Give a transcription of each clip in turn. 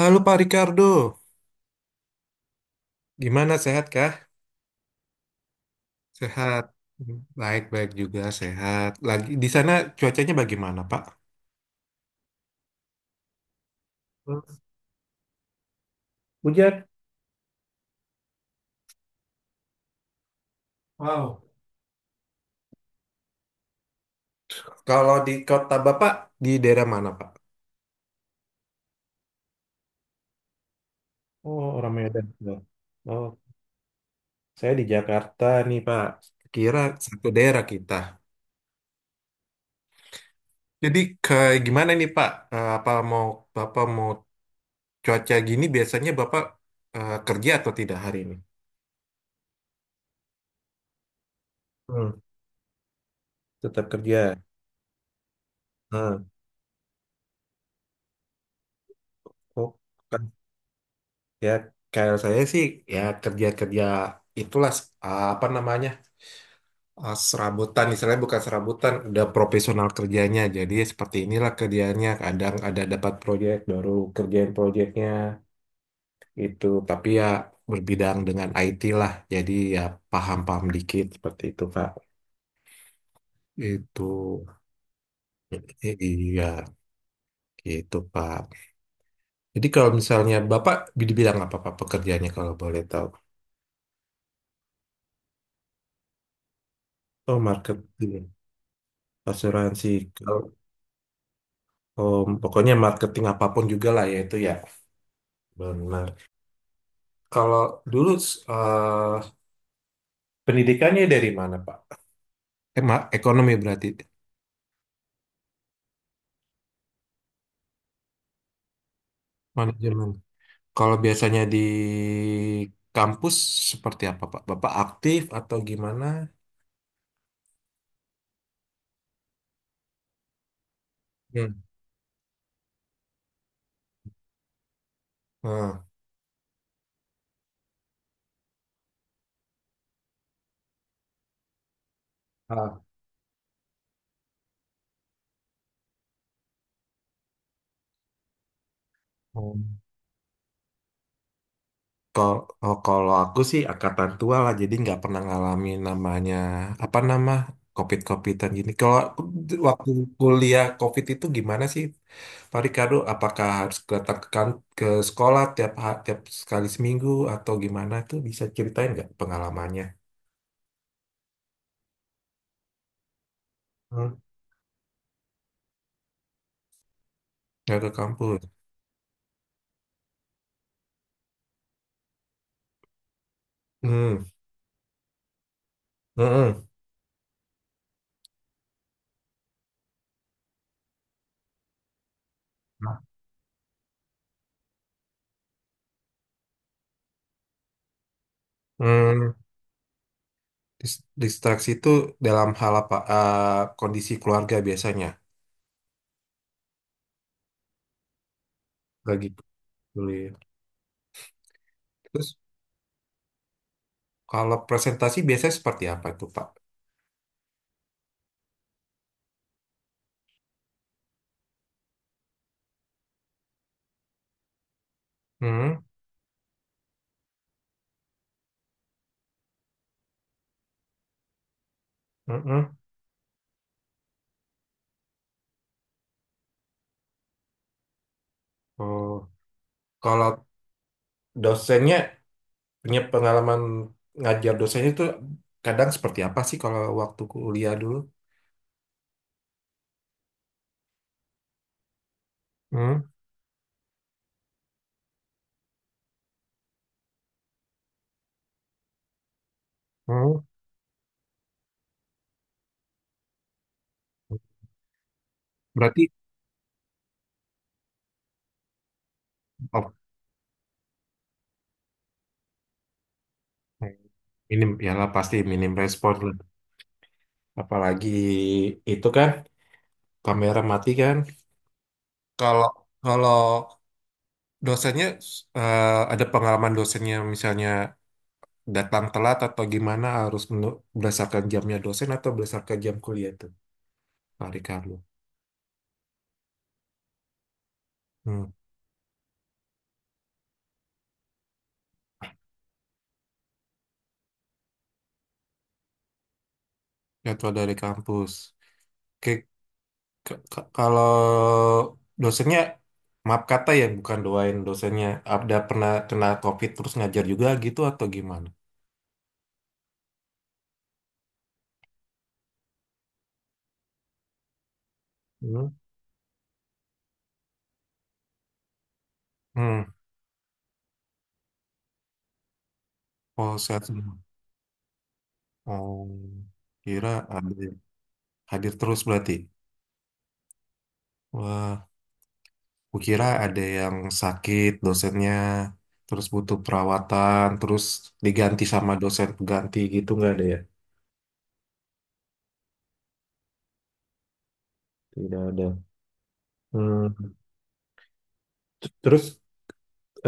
Halo Pak Ricardo, gimana sehat kah? Sehat. Baik-baik juga sehat. Lagi di sana cuacanya bagaimana, Pak? Hmm. Hujan? Wow. Kalau di kota Bapak, di daerah mana, Pak? Oh, orang Medan. Oh, saya di Jakarta nih, Pak. Kira satu daerah kita. Jadi ke gimana nih, Pak? Eh, Apa mau Bapak mau cuaca gini biasanya Bapak kerja atau tidak hari ini? Hmm, tetap kerja. Hmm. Oh, ya, kayak saya sih ya kerja-kerja itulah, apa namanya, serabutan, istilahnya bukan serabutan, udah profesional kerjanya. Jadi seperti inilah kerjanya. Kadang ada dapat proyek, baru kerjain proyeknya itu. Tapi ya berbidang dengan IT lah. Jadi ya paham-paham dikit seperti itu Pak. Itu. Iya gitu Pak. Jadi kalau misalnya Bapak di bidang apa Pak pekerjaannya kalau boleh tahu? Oh, marketing, asuransi. Oh, pokoknya marketing apapun juga lah ya itu ya. Benar. Kalau dulu, eh, pendidikannya dari mana, Pak? Ekonomi berarti manajemen. Kalau biasanya di kampus seperti apa, Pak? Bapak aktif atau gimana? Hmm. Hmm. Ah. Hmm. Kalau kalau aku sih angkatan tua lah, jadi nggak pernah ngalamin namanya apa nama covid-covidan gini. Waktu kuliah covid itu gimana sih, Pak Ricardo? Apakah harus datang ke, ke sekolah, tiap tiap sekali seminggu atau gimana tuh? Bisa ceritain nggak pengalamannya? Hmm. Nggak ke kampus. Hmm. Hmm. Hmm. Hmm, Distraksi itu dalam hal apa? Kondisi keluarga biasanya lagi kuliah. Terus, kalau presentasi biasanya seperti apa itu, Pak? Hmm. Mm-mm. Oh, kalau dosennya punya pengalaman ngajar dosennya itu kadang seperti apa sih kalau waktu kuliah dulu? Hmm. Hmm. Berarti, oh, minim ya lah, pasti minim respon lah. Apalagi itu kan kamera mati kan. Kalau kalau dosennya, eh, ada pengalaman dosennya misalnya datang telat atau gimana, harus berdasarkan jamnya dosen atau berdasarkan jam kuliah tuh, Pak Ricardo? Hmm, jadwal dari kampus. Oke, kalau dosennya, maaf kata ya bukan doain dosennya, ada pernah kena COVID terus ngajar juga gitu atau gimana? Hmm. Hmm. Oh, sehat semua. Oh, kira ada hadir terus berarti. Wah. Kukira ada yang sakit dosennya, terus butuh perawatan, terus diganti sama dosen pengganti gitu nggak ada ya? Tidak ada. Hmm. T- Terus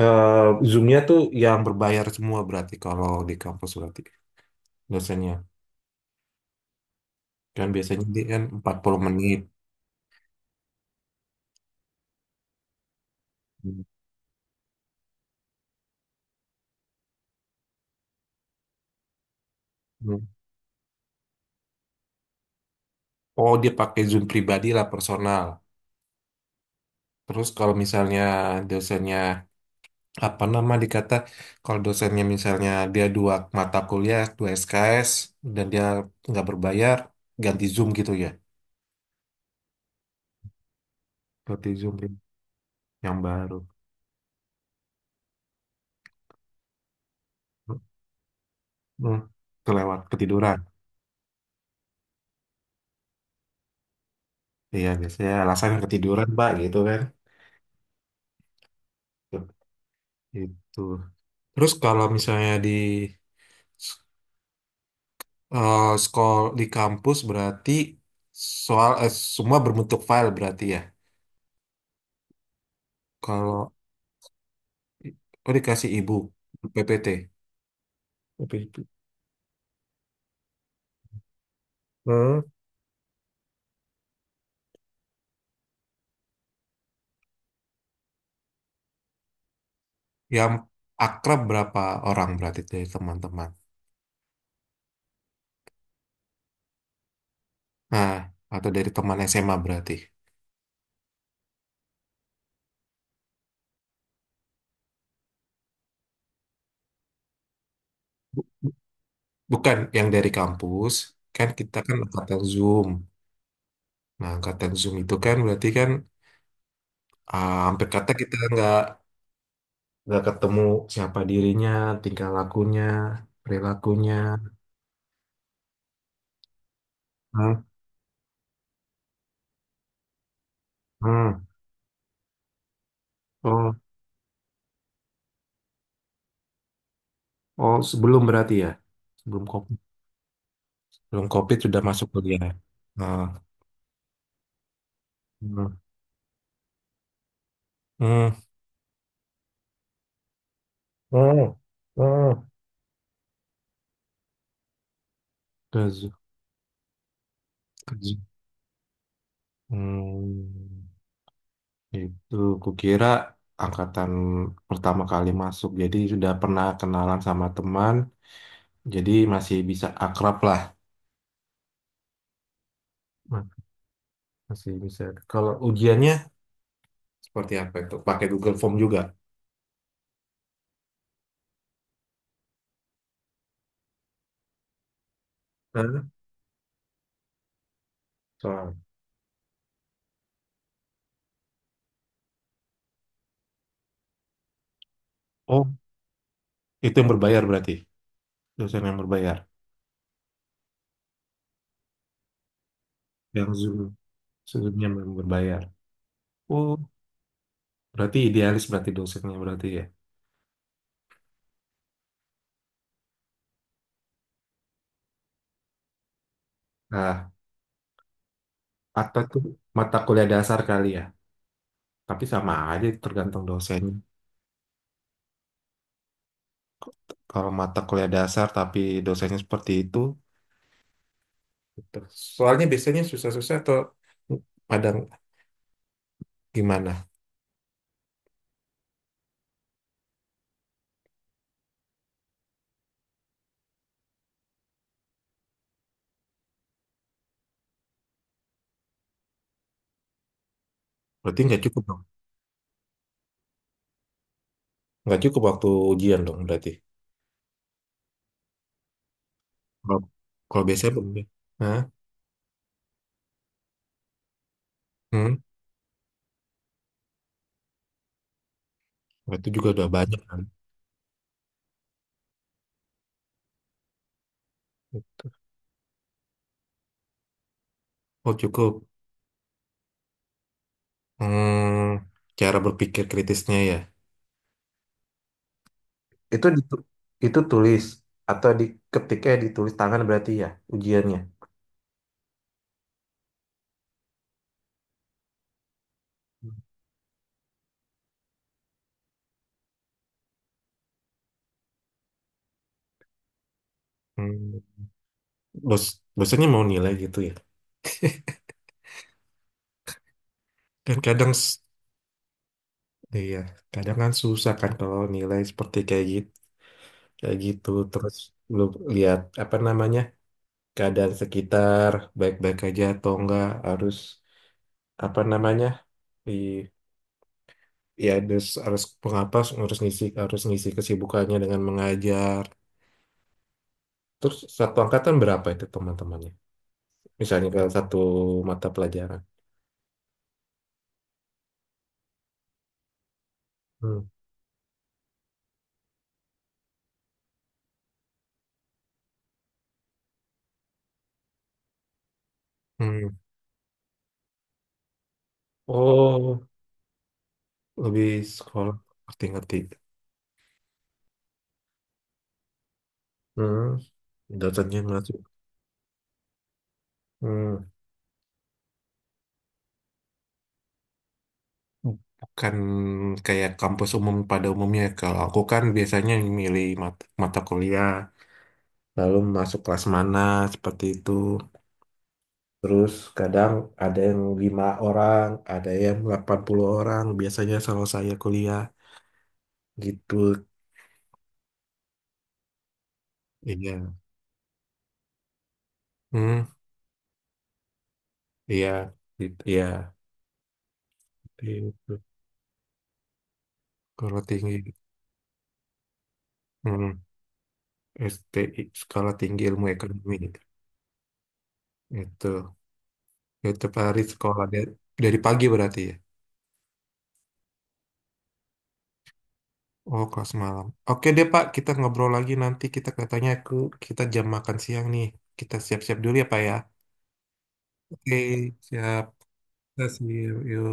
Zoom-nya tuh yang berbayar semua berarti, kalau di kampus berarti dosennya. Kan biasanya dia kan 40 menit. Hmm. Oh, dia pakai Zoom pribadi lah, personal. Terus kalau misalnya dosennya apa nama dikata, kalau dosennya misalnya dia dua mata kuliah 2 SKS dan dia nggak berbayar, ganti Zoom gitu ya, ganti Zoom ya, yang baru. Hmm. Kelewat ketiduran. Iya, biasanya alasan ketiduran Pak gitu kan. Itu. Terus kalau misalnya di sekolah di kampus berarti, soal semua berbentuk file berarti ya. Kalau, oh dikasih ibu PPT. PPT. Yang akrab berapa orang berarti dari teman-teman? Nah, atau dari teman SMA berarti. Bukan yang dari kampus, kan kita kan angkatan Zoom. Nah, angkatan Zoom itu kan berarti kan hampir kata kita nggak ketemu siapa dirinya, tingkah lakunya, perilakunya. Hmm. Hmm. Oh, oh, sebelum berarti ya? Sebelum COVID. Sebelum COVID sudah masuk kuliah. Nah. Hmm. Hmm. Hmm. Hmm. Ke Zoom. Ke Zoom. Hmm. Itu kukira angkatan pertama kali masuk, jadi sudah pernah kenalan sama teman, jadi masih bisa akrab lah. Ma- Masih bisa. Kalau ujiannya seperti apa itu? Pakai Google Form juga. Hah? Soal. Oh, itu yang berbayar berarti. Dosen yang berbayar. Yang Zoom, Zoomnya yang berbayar. Oh, berarti idealis berarti dosennya berarti ya. Nah, atau tuh mata kuliah dasar kali ya. Tapi sama aja tergantung dosen. Kalau mata kuliah dasar tapi dosennya seperti itu. Gitu. Soalnya biasanya susah-susah atau pada gimana? Berarti nggak cukup dong. Nggak cukup waktu ujian dong berarti. Kalau kalau biasanya begini. Hah? Hmm? Nah, itu juga udah banyak kan. Gitu. Oh, cukup. Hmm, cara berpikir kritisnya ya. Itu ditu- itu tulis atau di ketiknya, ditulis tangan berarti ya, ujiannya. Hmm, bos dosennya mau nilai gitu ya kan, kadang iya, kadang kan susah kan kalau nilai seperti kayak gitu, kayak gitu. Terus lu lihat apa namanya, keadaan sekitar baik-baik aja atau enggak, harus apa namanya di ya harus harus pengapas, harus ngisi kesibukannya dengan mengajar. Terus satu angkatan berapa itu teman-temannya? Misalnya kalau satu mata pelajaran. Hmm. Hmm. Oh, lebih sekolah. Ngerti-ngerti. Hmm. Dosennya ngerti. Bukan kayak kampus umum pada umumnya. Kalau aku kan biasanya milih mata kuliah, lalu masuk kelas mana, seperti itu. Terus kadang ada yang lima orang, ada yang 80 orang, biasanya selalu saya kuliah. Gitu. Iya. Hmm, iya. Gitu. Iya. Itu. Kalau tinggi. Hmm, STI, Sekolah Tinggi Ilmu Ekonomi. Gitu. Itu. Itu hari sekolah dari, pagi berarti ya? Oh, kelas malam. Oke deh, Pak. Kita ngobrol lagi nanti. Kita katanya aku kita jam makan siang nih. Kita siap-siap dulu ya, Pak ya. Oke, siap. Kita see you.